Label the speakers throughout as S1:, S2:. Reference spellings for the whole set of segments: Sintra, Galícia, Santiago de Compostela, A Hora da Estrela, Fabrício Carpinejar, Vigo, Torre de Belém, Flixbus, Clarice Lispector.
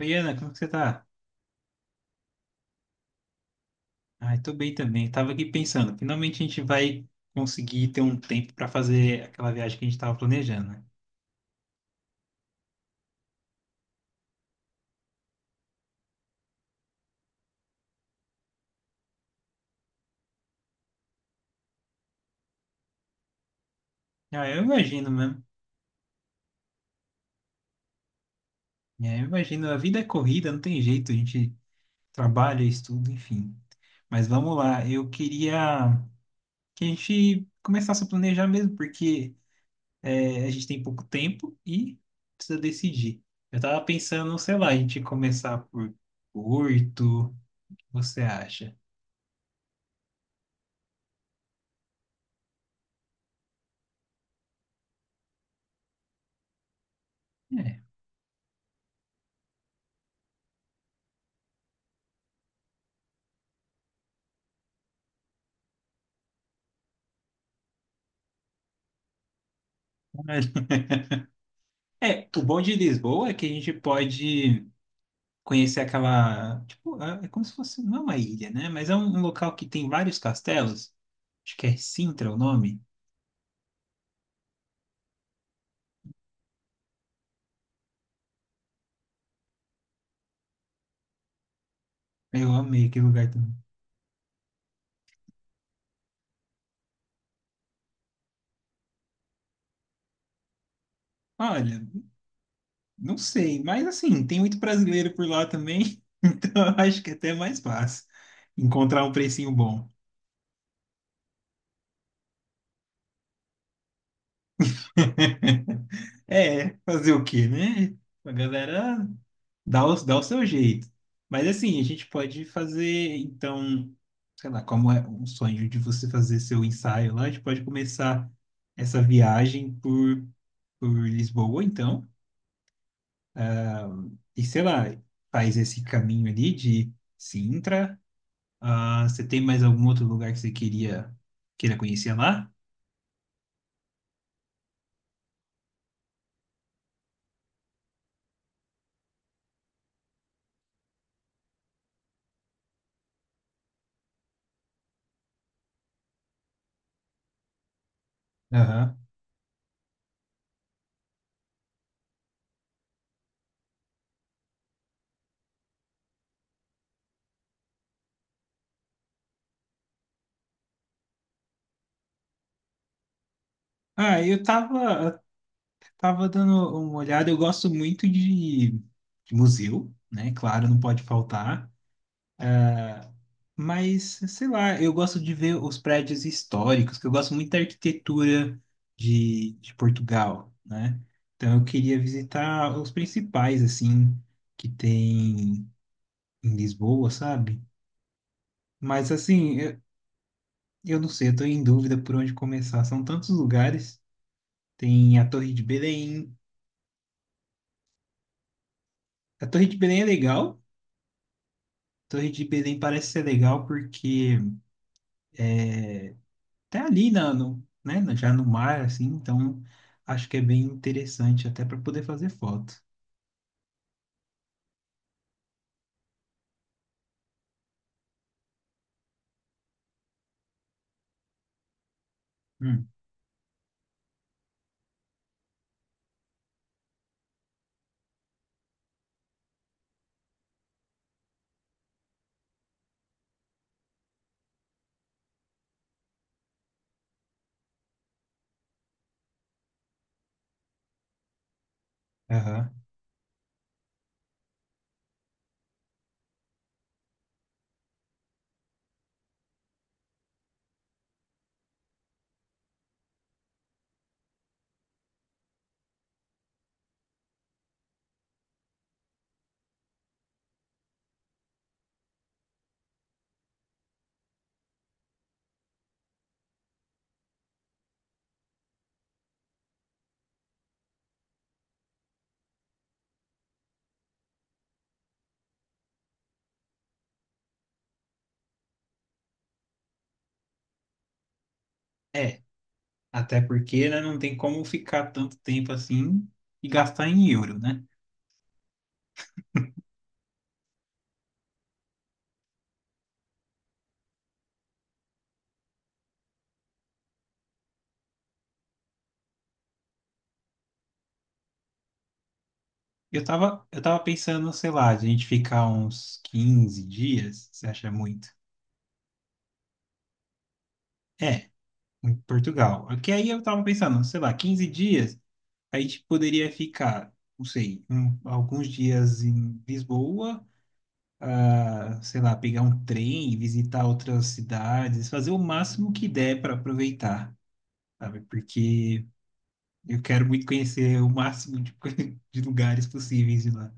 S1: Oi, Ana, como que você tá? Ai, tô bem também. Tava aqui pensando, finalmente a gente vai conseguir ter um tempo para fazer aquela viagem que a gente tava planejando, né? Ah, eu imagino mesmo. É, eu imagino, a vida é corrida, não tem jeito, a gente trabalha, estuda, enfim. Mas vamos lá, eu queria que a gente começasse a planejar mesmo, porque a gente tem pouco tempo e precisa decidir. Eu tava pensando, sei lá, a gente começar por Porto, o que você acha? É. É, o bom de Lisboa é que a gente pode conhecer aquela, tipo, é como se fosse, não é uma ilha, né? Mas é um local que tem vários castelos. Acho que é Sintra o nome. Eu amei aquele lugar também. Olha, não sei, mas assim, tem muito brasileiro por lá também, então eu acho que é até mais fácil encontrar um precinho bom. É, fazer o quê, né? A galera dá o, dá o seu jeito. Mas assim, a gente pode fazer, então, sei lá, como é um sonho de você fazer seu ensaio lá, a gente pode começar essa viagem por Lisboa, então. Ah, e sei lá, faz esse caminho ali de Sintra. Ah, você tem mais algum outro lugar que você queria queira conhecer lá? Aham. Ah, tava dando uma olhada. Eu gosto muito de museu, né? Claro, não pode faltar. Ah, mas, sei lá, eu gosto de ver os prédios históricos, que eu gosto muito da arquitetura de Portugal, né? Então eu queria visitar os principais, assim, que tem em Lisboa, sabe? Mas, assim, eu não sei, eu tô em dúvida por onde começar. São tantos lugares. Tem a Torre de Belém. A Torre de Belém é legal. A Torre de Belém parece ser legal porque até ali na, no, né, na- já no mar, assim, então acho que é bem interessante até para poder fazer foto. Hum, aham. É, até porque, né, não tem como ficar tanto tempo assim e gastar em euro, né? Eu tava pensando, sei lá, de a gente ficar uns 15 dias, você acha muito? É, em Portugal. Porque aí eu tava pensando, sei lá, 15 dias, a gente poderia ficar, não sei, um- alguns dias em Lisboa, ah, sei lá, pegar um trem e visitar outras cidades, fazer o máximo que der para aproveitar, sabe? Porque eu quero muito conhecer o máximo de, de lugares possíveis de lá.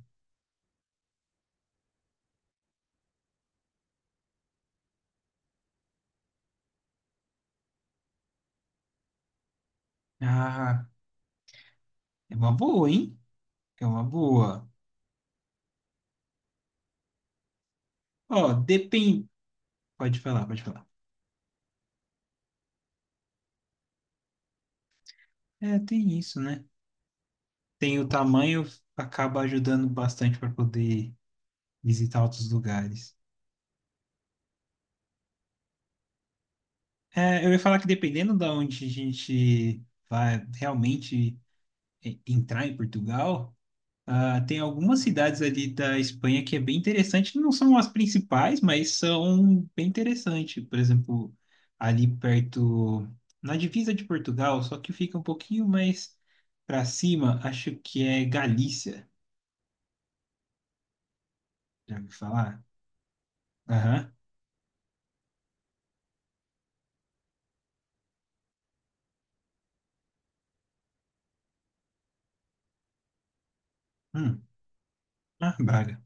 S1: Ah, é uma boa, hein? É uma boa. Ó, depende. Pode falar, pode falar. É, tem isso, né? Tem o tamanho, acaba ajudando bastante para poder visitar outros lugares. É, eu ia falar que dependendo da onde a gente vai realmente é, entrar em Portugal. Ah, tem algumas cidades ali da Espanha que é bem interessante, não são as principais, mas são bem interessantes. Por exemplo, ali perto, na divisa de Portugal, só que fica um pouquinho mais para cima, acho que é Galícia. Já ouviu falar? Aham. Hum. Ah, Braga.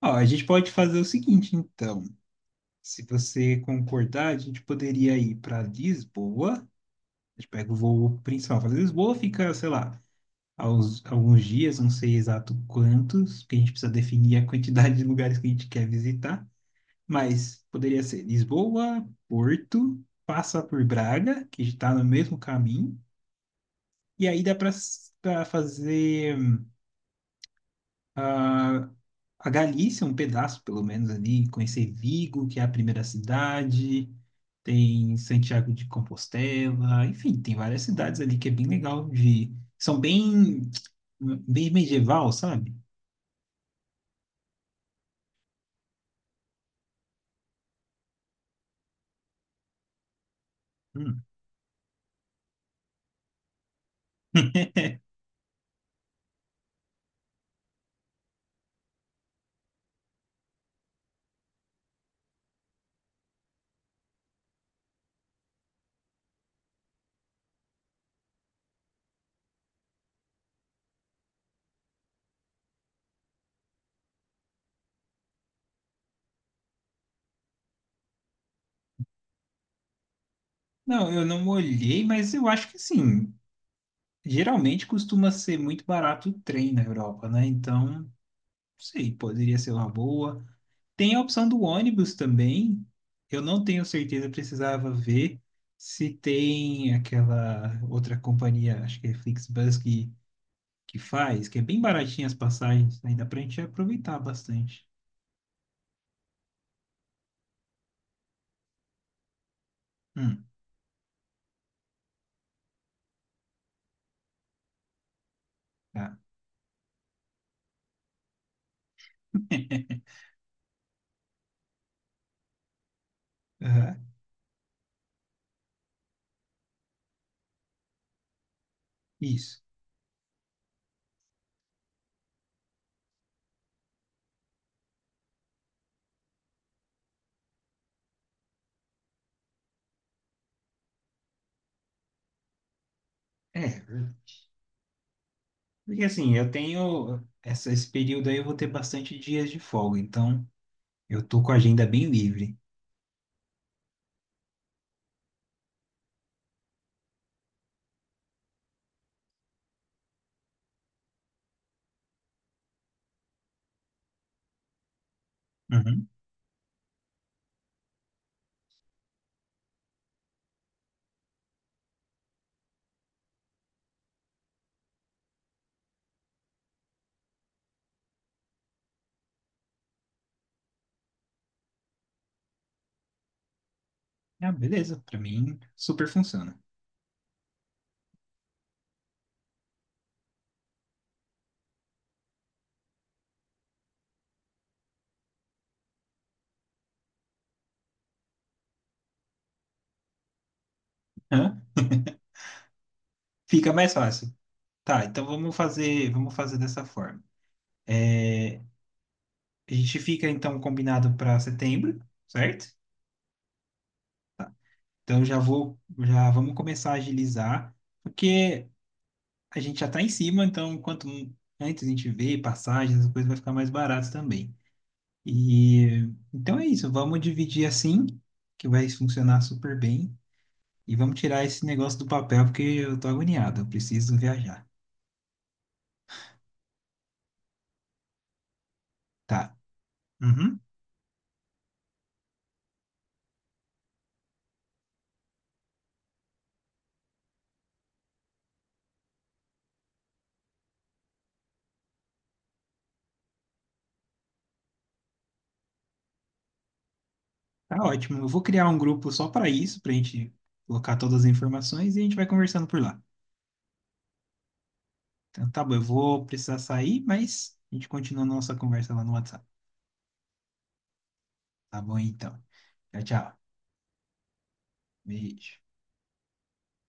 S1: Ó, a gente pode fazer o seguinte, então. Se você concordar, a gente poderia ir para Lisboa. A gente pega o voo principal para Lisboa, fica, sei lá, aos, alguns dias, não sei exato quantos, porque a gente precisa definir a quantidade de lugares que a gente quer visitar, mas poderia ser Lisboa, Porto, passa por Braga, que está no mesmo caminho, e aí dá para fazer, ah, a Galícia, um pedaço pelo menos ali, conhecer Vigo, que é a primeira cidade. Tem Santiago de Compostela, enfim, tem várias cidades ali que é bem legal de. São bem, bem medieval, sabe? Hum. Não, eu não olhei, mas eu acho que sim. Geralmente costuma ser muito barato o trem na Europa, né? Então, não sei, poderia ser uma boa. Tem a opção do ônibus também. Eu não tenho certeza, precisava ver se tem aquela outra companhia, acho que é Flixbus, que faz, que é bem baratinha as passagens, né? Dá pra gente aproveitar bastante. Hum, tá. Aham, isso. É, porque assim, eu tenho essa- esse período aí, eu vou ter bastante dias de folga, então eu tô com a agenda bem livre. Uhum. Ah, beleza, pra mim super funciona. Hã? Fica mais fácil. Tá, então vamos fazer dessa forma. A gente fica então combinado para setembro, certo? Então já vamos começar a agilizar, porque a gente já tá em cima, então quanto antes a gente vê passagens, as coisas vai ficar mais barato também. E então é isso, vamos dividir assim, que vai funcionar super bem. E vamos tirar esse negócio do papel, porque eu tô agoniado, eu preciso viajar. Tá. Uhum. Tá ótimo. Eu vou criar um grupo só para isso, pra gente colocar todas as informações e a gente vai conversando por lá. Então tá bom, eu vou precisar sair, mas a gente continua a nossa conversa lá no WhatsApp. Tá bom, então. Tchau, tchau. Beijo.